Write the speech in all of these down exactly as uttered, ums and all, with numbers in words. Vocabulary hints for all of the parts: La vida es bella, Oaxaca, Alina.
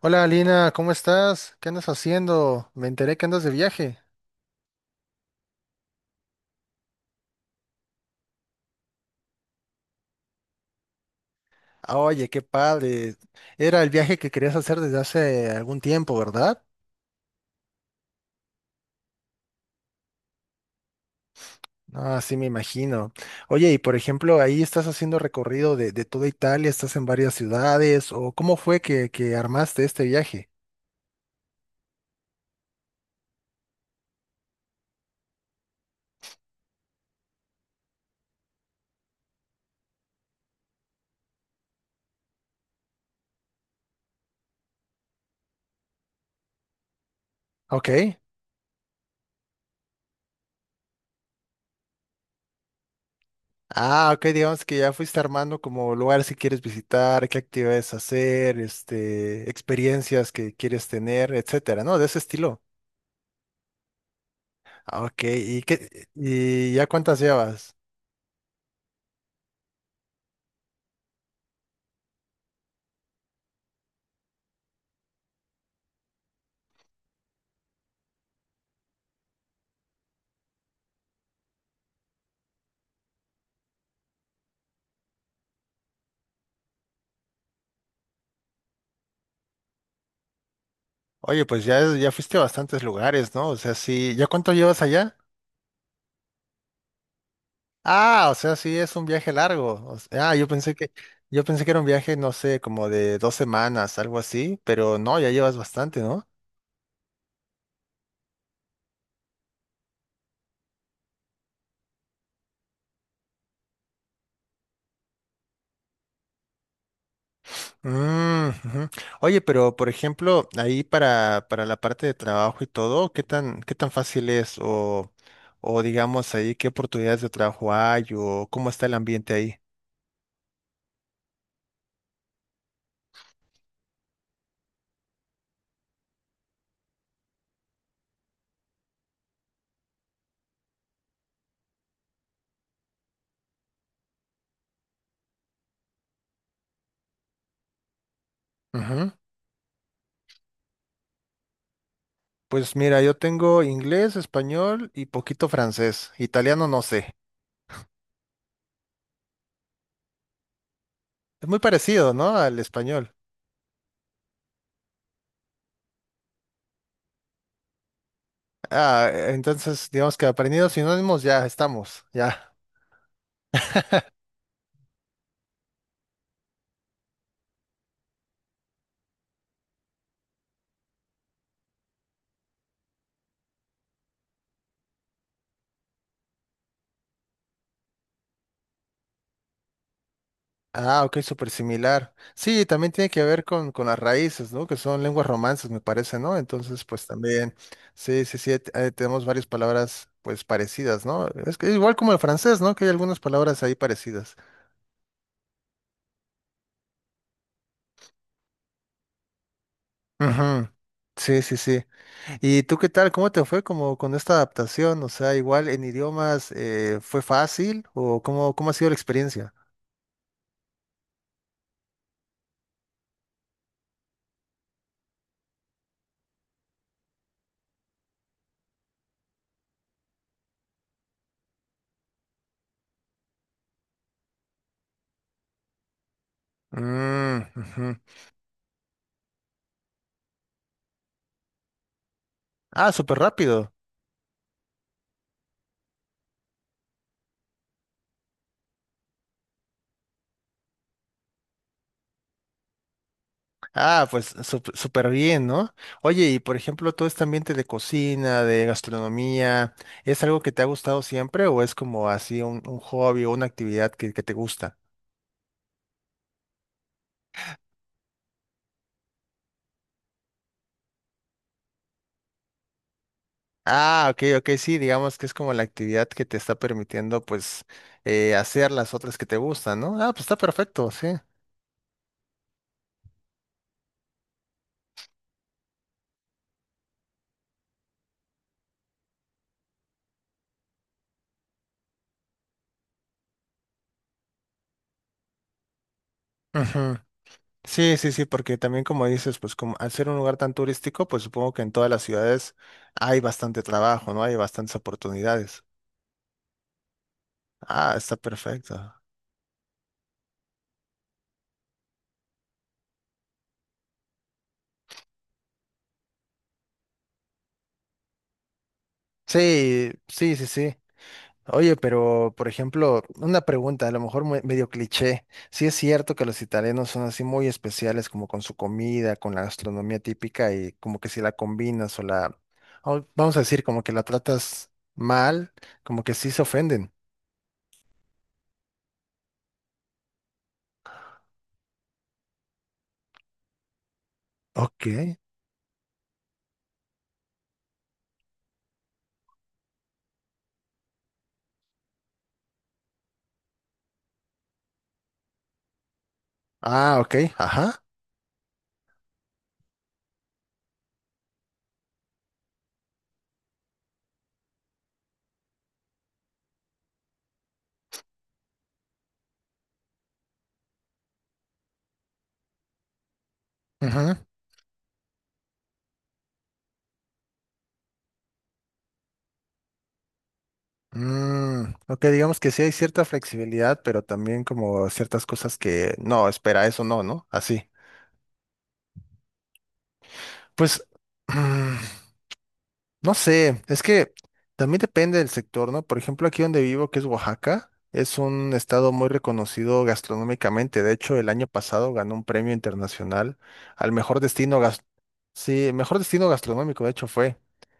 Hola Alina, ¿cómo estás? ¿Qué andas haciendo? Me enteré que andas de viaje. Ah, oye, qué padre. Era el viaje que querías hacer desde hace algún tiempo, ¿verdad? Ah, sí, me imagino. Oye, y por ejemplo, ahí estás haciendo recorrido de, de toda Italia, estás en varias ciudades, o ¿cómo fue que, que armaste este viaje? Ok. Ah, ok, digamos que ya fuiste armando como lugares que quieres visitar, qué actividades hacer, este, experiencias que quieres tener, etcétera, ¿no? De ese estilo. Ah, ok, ¿y qué, y ya cuántas llevas? Oye, pues ya, ya fuiste a bastantes lugares, ¿no? O sea, sí, ¿ya cuánto llevas allá? Ah, o sea, sí, es un viaje largo. O sea, ah, yo pensé que, yo pensé que era un viaje, no sé, como de dos semanas, algo así, pero no, ya llevas bastante, ¿no? Mm, ujú. Oye, pero por ejemplo, ahí para, para la parte de trabajo y todo, ¿qué tan, ¿qué tan fácil es? O, o digamos ahí, ¿qué oportunidades de trabajo hay? ¿O cómo está el ambiente ahí? Pues mira, yo tengo inglés, español y poquito francés. Italiano no sé. Es muy parecido, ¿no? Al español. Ah, e, entonces digamos que aprendido sinónimos ya estamos, ya. Ah, ok, súper similar. Sí, también tiene que ver con, con las raíces, ¿no? Que son lenguas romances, me parece, ¿no? Entonces, pues también, sí, sí, sí, t- eh, tenemos varias palabras, pues parecidas, ¿no? Es que igual como el francés, ¿no? Que hay algunas palabras ahí parecidas. Ujú. Sí, sí, sí. ¿Y tú qué tal? ¿Cómo te fue como con esta adaptación? O sea, igual en idiomas eh, fue fácil o cómo, ¿cómo ha sido la experiencia? Mm, ujú. Ah, súper rápido. Ah, pues sup- súper bien, ¿no? Oye, y por ejemplo, todo este ambiente de cocina, de gastronomía, ¿es algo que te ha gustado siempre o es como así un, un hobby o una actividad que, que te gusta? Ah, ok, ok, sí, digamos que es como la actividad que te está permitiendo pues eh, hacer las otras que te gustan, ¿no? Ah, pues está perfecto, sí. Ujú. Sí, sí, sí, porque también como dices, pues como al ser un lugar tan turístico, pues supongo que en todas las ciudades hay bastante trabajo, ¿no? Hay bastantes oportunidades. Ah, está perfecto. Sí, sí, sí, sí. Oye, pero por ejemplo, una pregunta, a lo mejor mue- medio cliché. Sí es cierto que los italianos son así muy especiales como con su comida, con la gastronomía típica y como que si la combinas o la, o vamos a decir, como que la tratas mal, como que sí se ofenden. Ok. Ah, ok, ajá. Ajá. Mm, ok, digamos que sí hay cierta flexibilidad, pero también como ciertas cosas que no, espera, eso no, ¿no? Así. Pues, mm, no sé, es que también depende del sector, ¿no? Por ejemplo, aquí donde vivo, que es Oaxaca, es un estado muy reconocido gastronómicamente. De hecho, el año pasado ganó un premio internacional al mejor destino. Sí, el mejor destino gastronómico, de hecho, fue.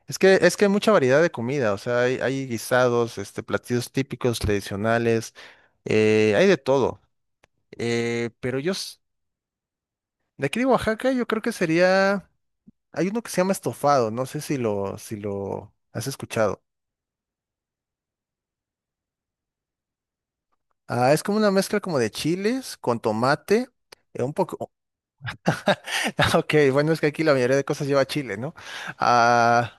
Es que, es que hay mucha variedad de comida, o sea, hay, hay guisados, este, platillos típicos, tradicionales, eh, hay de todo. Eh, pero yo, s- de aquí de Oaxaca, yo creo que sería, hay uno que se llama estofado, no sé si lo, si lo has escuchado. Ah, es como una mezcla como de chiles con tomate, eh, un poco, ok, bueno, es que aquí la mayoría de cosas lleva chile, ¿no? Ah,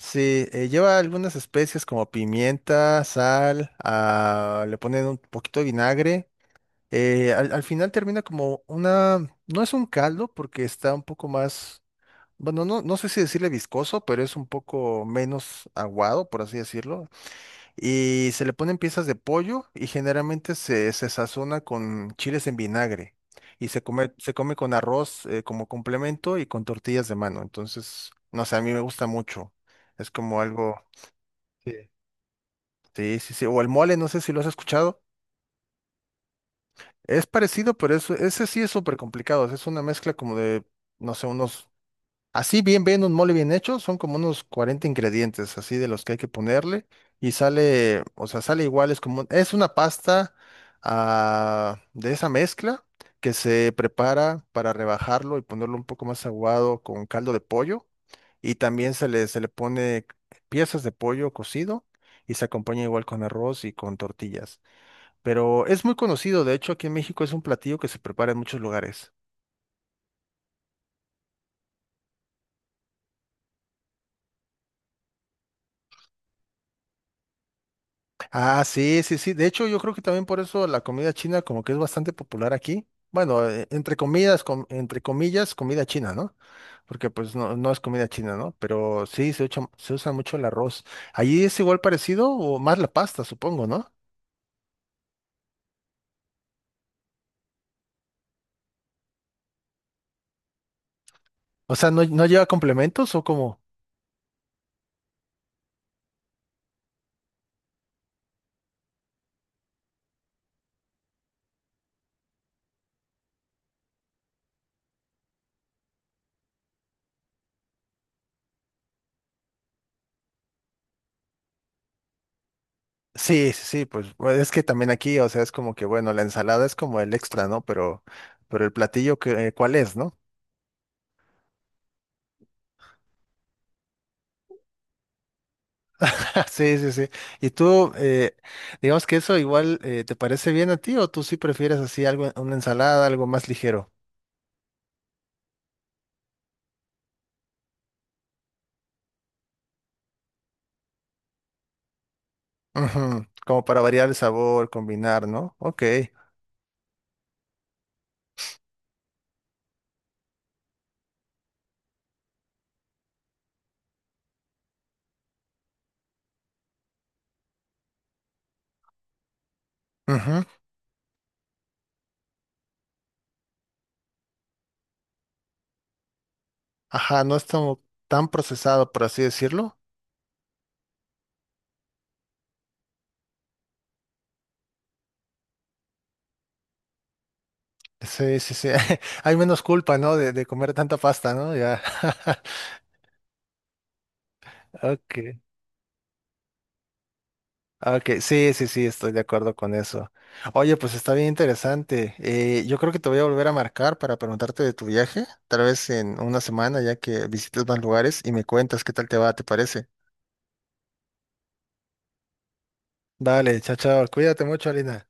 sí, eh, lleva algunas especies como pimienta, sal, ah, le ponen un poquito de vinagre. eh, al, al final termina como una, no es un caldo porque está un poco más, bueno, no, no sé si decirle viscoso, pero es un poco menos aguado, por así decirlo. Y se le ponen piezas de pollo y generalmente se, se sazona con chiles en vinagre. Y se come, se come con arroz, eh, como complemento y con tortillas de mano. Entonces, no sé, a mí me gusta mucho. Es como algo. Sí. Sí, sí, sí. O el mole, no sé si lo has escuchado. Es parecido, pero es- ese sí es súper complicado. Es una mezcla como de, no sé, unos. Así bien, bien, un mole bien hecho, son como unos cuarenta ingredientes, así de los que hay que ponerle, y sale, o sea, sale igual, es como, un- es una pasta, ah, de esa mezcla que se prepara para rebajarlo y ponerlo un poco más aguado con caldo de pollo, y también se le, se le pone piezas de pollo cocido, y se acompaña igual con arroz y con tortillas. Pero es muy conocido, de hecho, aquí en México es un platillo que se prepara en muchos lugares. Ah, sí, sí, sí. De hecho, yo creo que también por eso la comida china como que es bastante popular aquí. Bueno, eh, entre comidas, com- entre comillas, comida china, ¿no? Porque pues no, no es comida china, ¿no? Pero sí, se usa, se usa mucho el arroz. ¿Allí es igual parecido o más la pasta, supongo, ¿no? O sea, ¿no, no lleva complementos o como? Sí, sí, sí, pues bueno, es que también aquí, o sea, es como que, bueno, la ensalada es como el extra, ¿no? Pero, pero el platillo, que, eh, ¿cuál es, no? Sí, sí, sí. ¿Y tú, eh, digamos que eso igual eh, te parece bien a ti o tú sí prefieres así algo, una ensalada, algo más ligero? Ujú, como para variar el sabor, combinar, ¿no? Ok. Ujú. Ajá, no es tan, tan procesado, por así decirlo. Sí, sí, sí. Hay menos culpa, ¿no? De, de comer tanta pasta, ¿no? Ya. Ok. Ok, sí, sí, sí, estoy de acuerdo con eso. Oye, pues está bien interesante. Eh, yo creo que te voy a volver a marcar para preguntarte de tu viaje, tal vez en una semana ya que visites más lugares y me cuentas qué tal te va, ¿te parece? Vale, chao, chao. Cuídate mucho, Alina.